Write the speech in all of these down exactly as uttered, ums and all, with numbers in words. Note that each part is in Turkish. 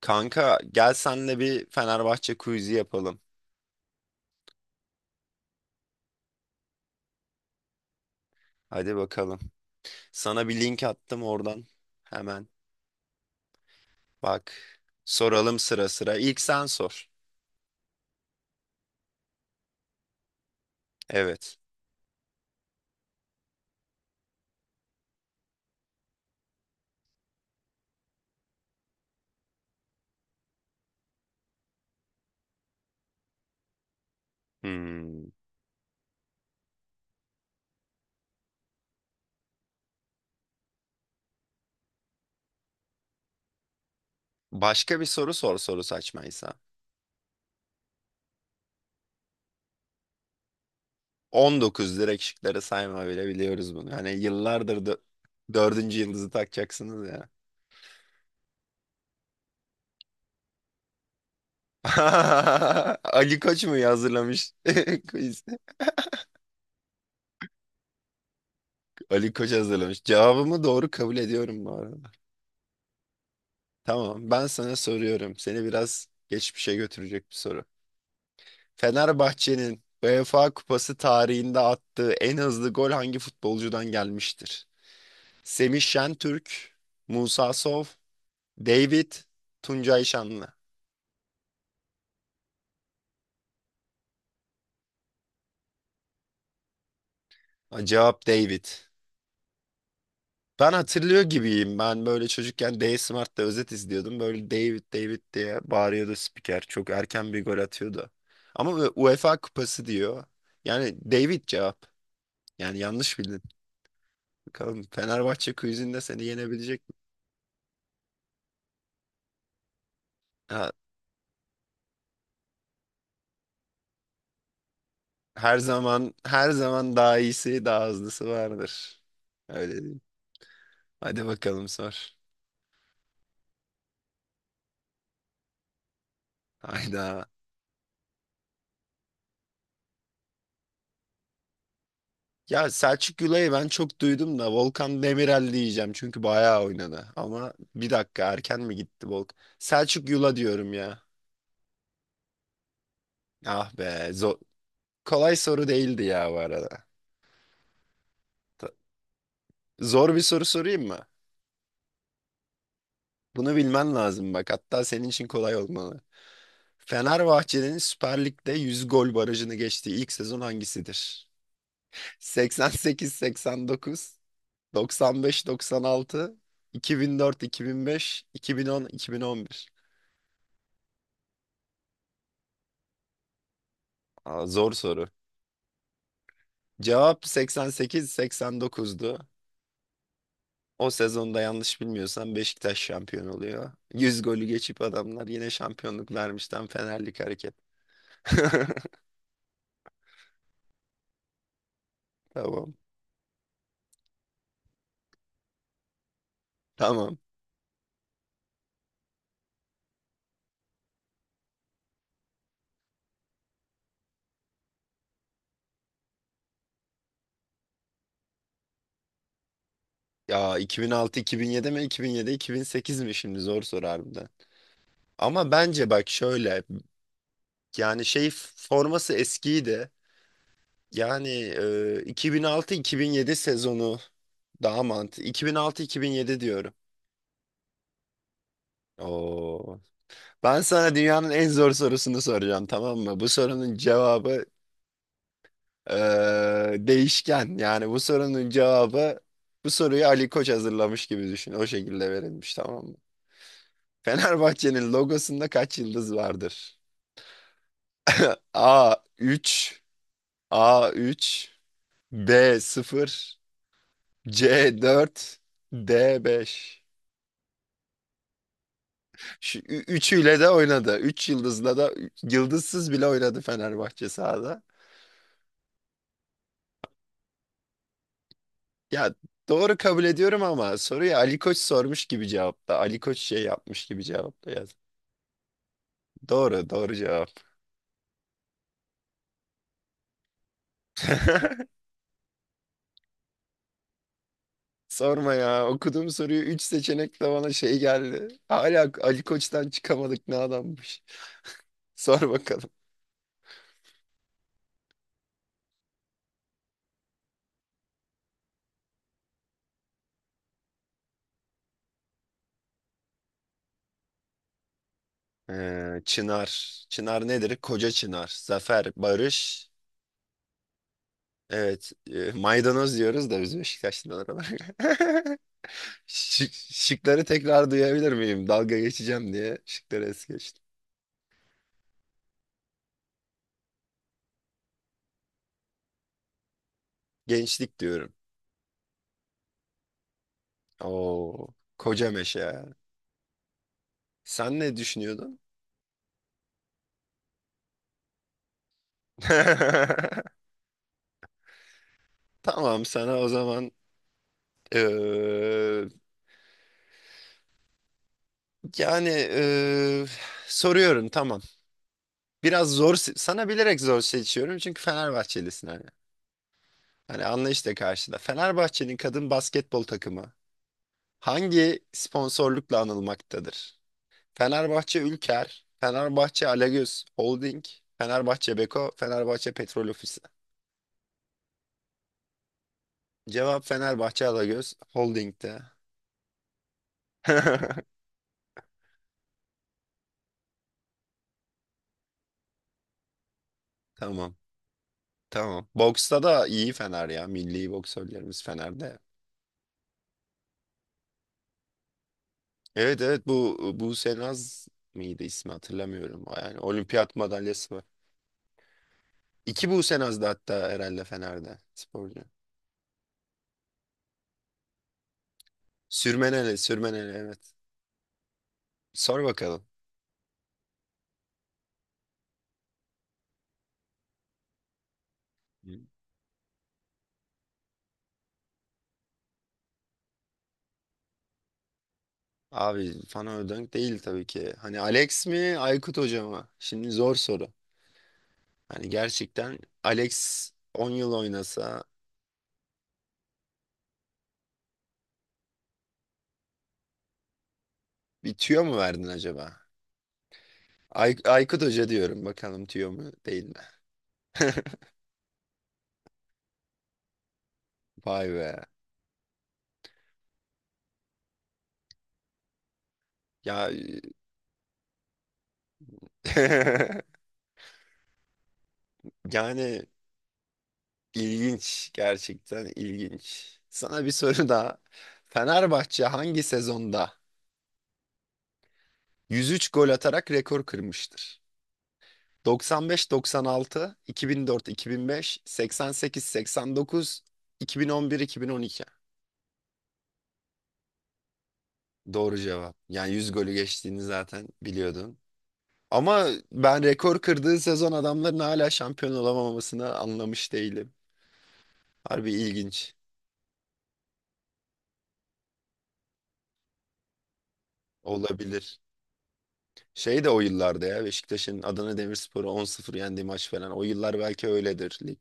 Kanka gel senle bir Fenerbahçe quiz'i yapalım. Hadi bakalım. Sana bir link attım oradan. Hemen bak. Soralım sıra sıra. İlk sen sor. Evet. Hmm. Başka bir soru sor soru saçmaysa. on dokuz direkt şıkları sayma bile biliyoruz bunu. Hani yıllardır dö- dördüncü yıldızı takacaksınız ya. Ali Koç mu hazırlamış? Quiz. Ali Koç hazırlamış. Cevabımı doğru kabul ediyorum bu arada. Tamam, ben sana soruyorum. Seni biraz geçmişe götürecek bir soru. Fenerbahçe'nin UEFA Kupası tarihinde attığı en hızlı gol hangi futbolcudan gelmiştir? Semih Şentürk, Musa Sow, David, Tuncay Şanlı. Ha, cevap David. Ben hatırlıyor gibiyim. Ben böyle çocukken D Smart'ta özet izliyordum. Böyle David David diye bağırıyordu spiker. Çok erken bir gol atıyordu. Ama UEFA Kupası diyor. Yani David cevap. Yani yanlış bildin. Bakalım Fenerbahçe quizinde seni yenebilecek mi? Ha, her zaman her zaman daha iyisi daha hızlısı vardır. Öyle değil mi? Hadi bakalım sor. Hayda. Ya Selçuk Gülay'ı ben çok duydum da Volkan Demirel diyeceğim çünkü bayağı oynadı. Ama bir dakika erken mi gitti Volkan? Selçuk Yula diyorum ya. Ah be zor. Kolay soru değildi ya bu arada. Ta- Zor bir soru sorayım mı? Bunu bilmen lazım bak, hatta senin için kolay olmalı. Fenerbahçe'nin Süper Lig'de yüz gol barajını geçtiği ilk sezon hangisidir? seksen sekiz seksen dokuz, doksan beş doksan altı, iki bin dört-iki bin beş, iki bin on-iki bin on bir. Aa, zor soru. Cevap seksen sekiz seksen dokuzdu. O sezonda yanlış bilmiyorsam Beşiktaş şampiyon oluyor. yüz golü geçip adamlar yine şampiyonluk vermişten Fenerlik hareket. Tamam. Tamam. Ya iki bin altı-iki bin yedi mi? iki bin yedi-iki bin sekiz mi şimdi? Zor soru harbiden. Ama bence bak şöyle, yani şey, forması eskiydi. Yani e, iki bin altı-iki bin yedi sezonu daha mantıklı. iki bin altı-iki bin yedi diyorum. Oo. Ben sana dünyanın en zor sorusunu soracağım, tamam mı? Bu sorunun cevabı e, değişken. Yani bu sorunun cevabı, bu soruyu Ali Koç hazırlamış gibi düşün. O şekilde verilmiş, tamam mı? Fenerbahçe'nin logosunda kaç yıldız vardır? A üç. A üç. B sıfır, C dört, D beş. Şu ü- üçüyle de oynadı. Üç yıldızla da yıldızsız bile oynadı Fenerbahçe sahada. Ya doğru kabul ediyorum ama soruyu Ali Koç sormuş gibi cevapla. Ali Koç şey yapmış gibi cevapla yaz. Doğru, doğru cevap. Sorma ya. Okuduğum soruyu üç seçenekle bana şey geldi. Hala Ali Koç'tan çıkamadık, ne adammış. Sor bakalım. Ee, Çınar. Çınar nedir? Koca Çınar. Zafer, barış. Evet, e, maydanoz diyoruz da biz Beşiktaşlılar olarak. Şık- şıkları tekrar duyabilir miyim? Dalga geçeceğim diye şıkları es geçtim. Gençlik diyorum. Oo, koca meşe. Sen ne düşünüyordun? Tamam, sana o zaman eee, yani eee, soruyorum tamam. Biraz zor se- sana bilerek zor seçiyorum çünkü Fenerbahçelisin hani. Hani anlayışla karşıda. Fenerbahçe'nin kadın basketbol takımı hangi sponsorlukla anılmaktadır? Fenerbahçe Ülker, Fenerbahçe Alagöz Holding, Fenerbahçe Beko, Fenerbahçe Petrol Ofisi. Cevap Fenerbahçe Alagöz Holding'de. Tamam. Tamam. Boksta da iyi Fener ya. Milli boksörlerimiz Fener'de. Evet evet, bu Buse Naz mıydı ismi, hatırlamıyorum. Yani olimpiyat madalyası var. İki Buse Naz'dı hatta herhalde Fener'de sporcu. Sürmeneli, Sürmeneli, evet. Sor bakalım. Abi Fana Ödönk değil tabii ki. Hani Alex mi Aykut Hoca mı? Şimdi zor soru. Hani gerçekten Alex on yıl oynasa bir tüyo mu verdin acaba? Ay Aykut Hoca diyorum, bakalım tüyo mu değil mi? Vay be. Ya yani ilginç, gerçekten ilginç. Sana bir soru daha. Fenerbahçe hangi sezonda yüz üç gol atarak rekor kırmıştır? doksan beş, doksan altı, iki bin dört, iki bin beş, seksen sekiz, seksen dokuz, iki bin on bir, iki bin on iki. Doğru cevap. Yani yüz golü geçtiğini zaten biliyordun. Ama ben rekor kırdığı sezon adamların hala şampiyon olamamasını anlamış değilim. Harbi ilginç olabilir. Şey de o yıllarda ya Beşiktaş'ın Adana Demirspor'u on sıfır yendiği maç falan. O yıllar belki öyledir lig.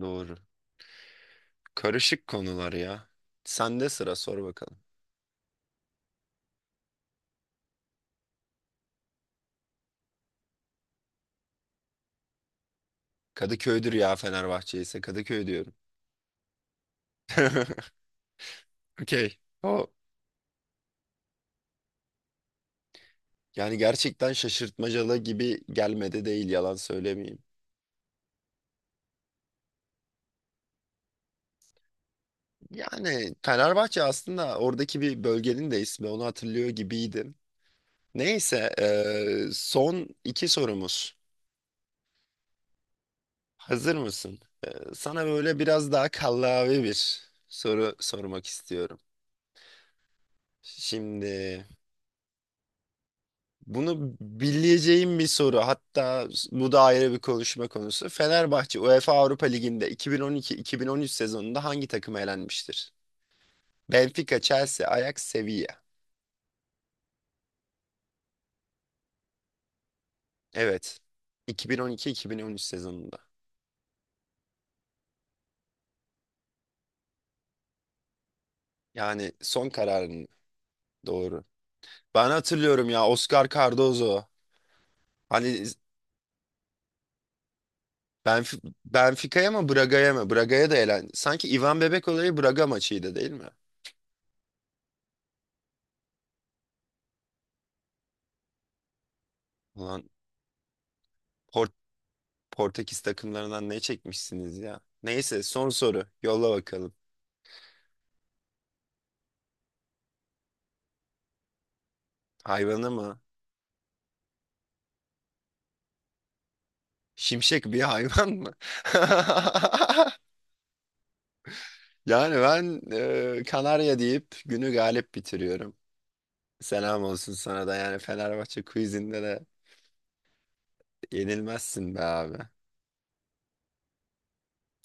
Doğru. Karışık konular ya. Sende sıra, sor bakalım. Kadıköy'dür ya Fenerbahçe, ise Kadıköy diyorum. Okey. O yani gerçekten şaşırtmacalı gibi gelmedi, değil, yalan söylemeyeyim. Yani Fenerbahçe aslında oradaki bir bölgenin de ismi, onu hatırlıyor gibiydim. Neyse eee, son iki sorumuz. Hazır mısın? Eee, sana böyle biraz daha kallavi bir soru sormak istiyorum. Şimdi bunu bileceğim bir soru. Hatta bu da ayrı bir konuşma konusu. Fenerbahçe UEFA Avrupa Ligi'nde iki bin on iki-iki bin on üç sezonunda hangi takım elenmiştir? Benfica, Chelsea, Ajax, Sevilla. Evet. iki bin on iki-iki bin on üç sezonunda. Yani son kararın doğru. Ben hatırlıyorum ya, Oscar Cardozo. Hani Benf Benfica'ya mı Braga'ya mı? Braga'ya da elen. Sanki Ivan Bebek olayı Braga maçıydı değil mi? Ulan Portekiz takımlarından ne çekmişsiniz ya? Neyse son soru. Yolla bakalım. Hayvanı mı? Şimşek bir hayvan mı? Yani ben e, Kanarya deyip günü galip bitiriyorum. Selam olsun sana da, yani Fenerbahçe quizinde de yenilmezsin be abi.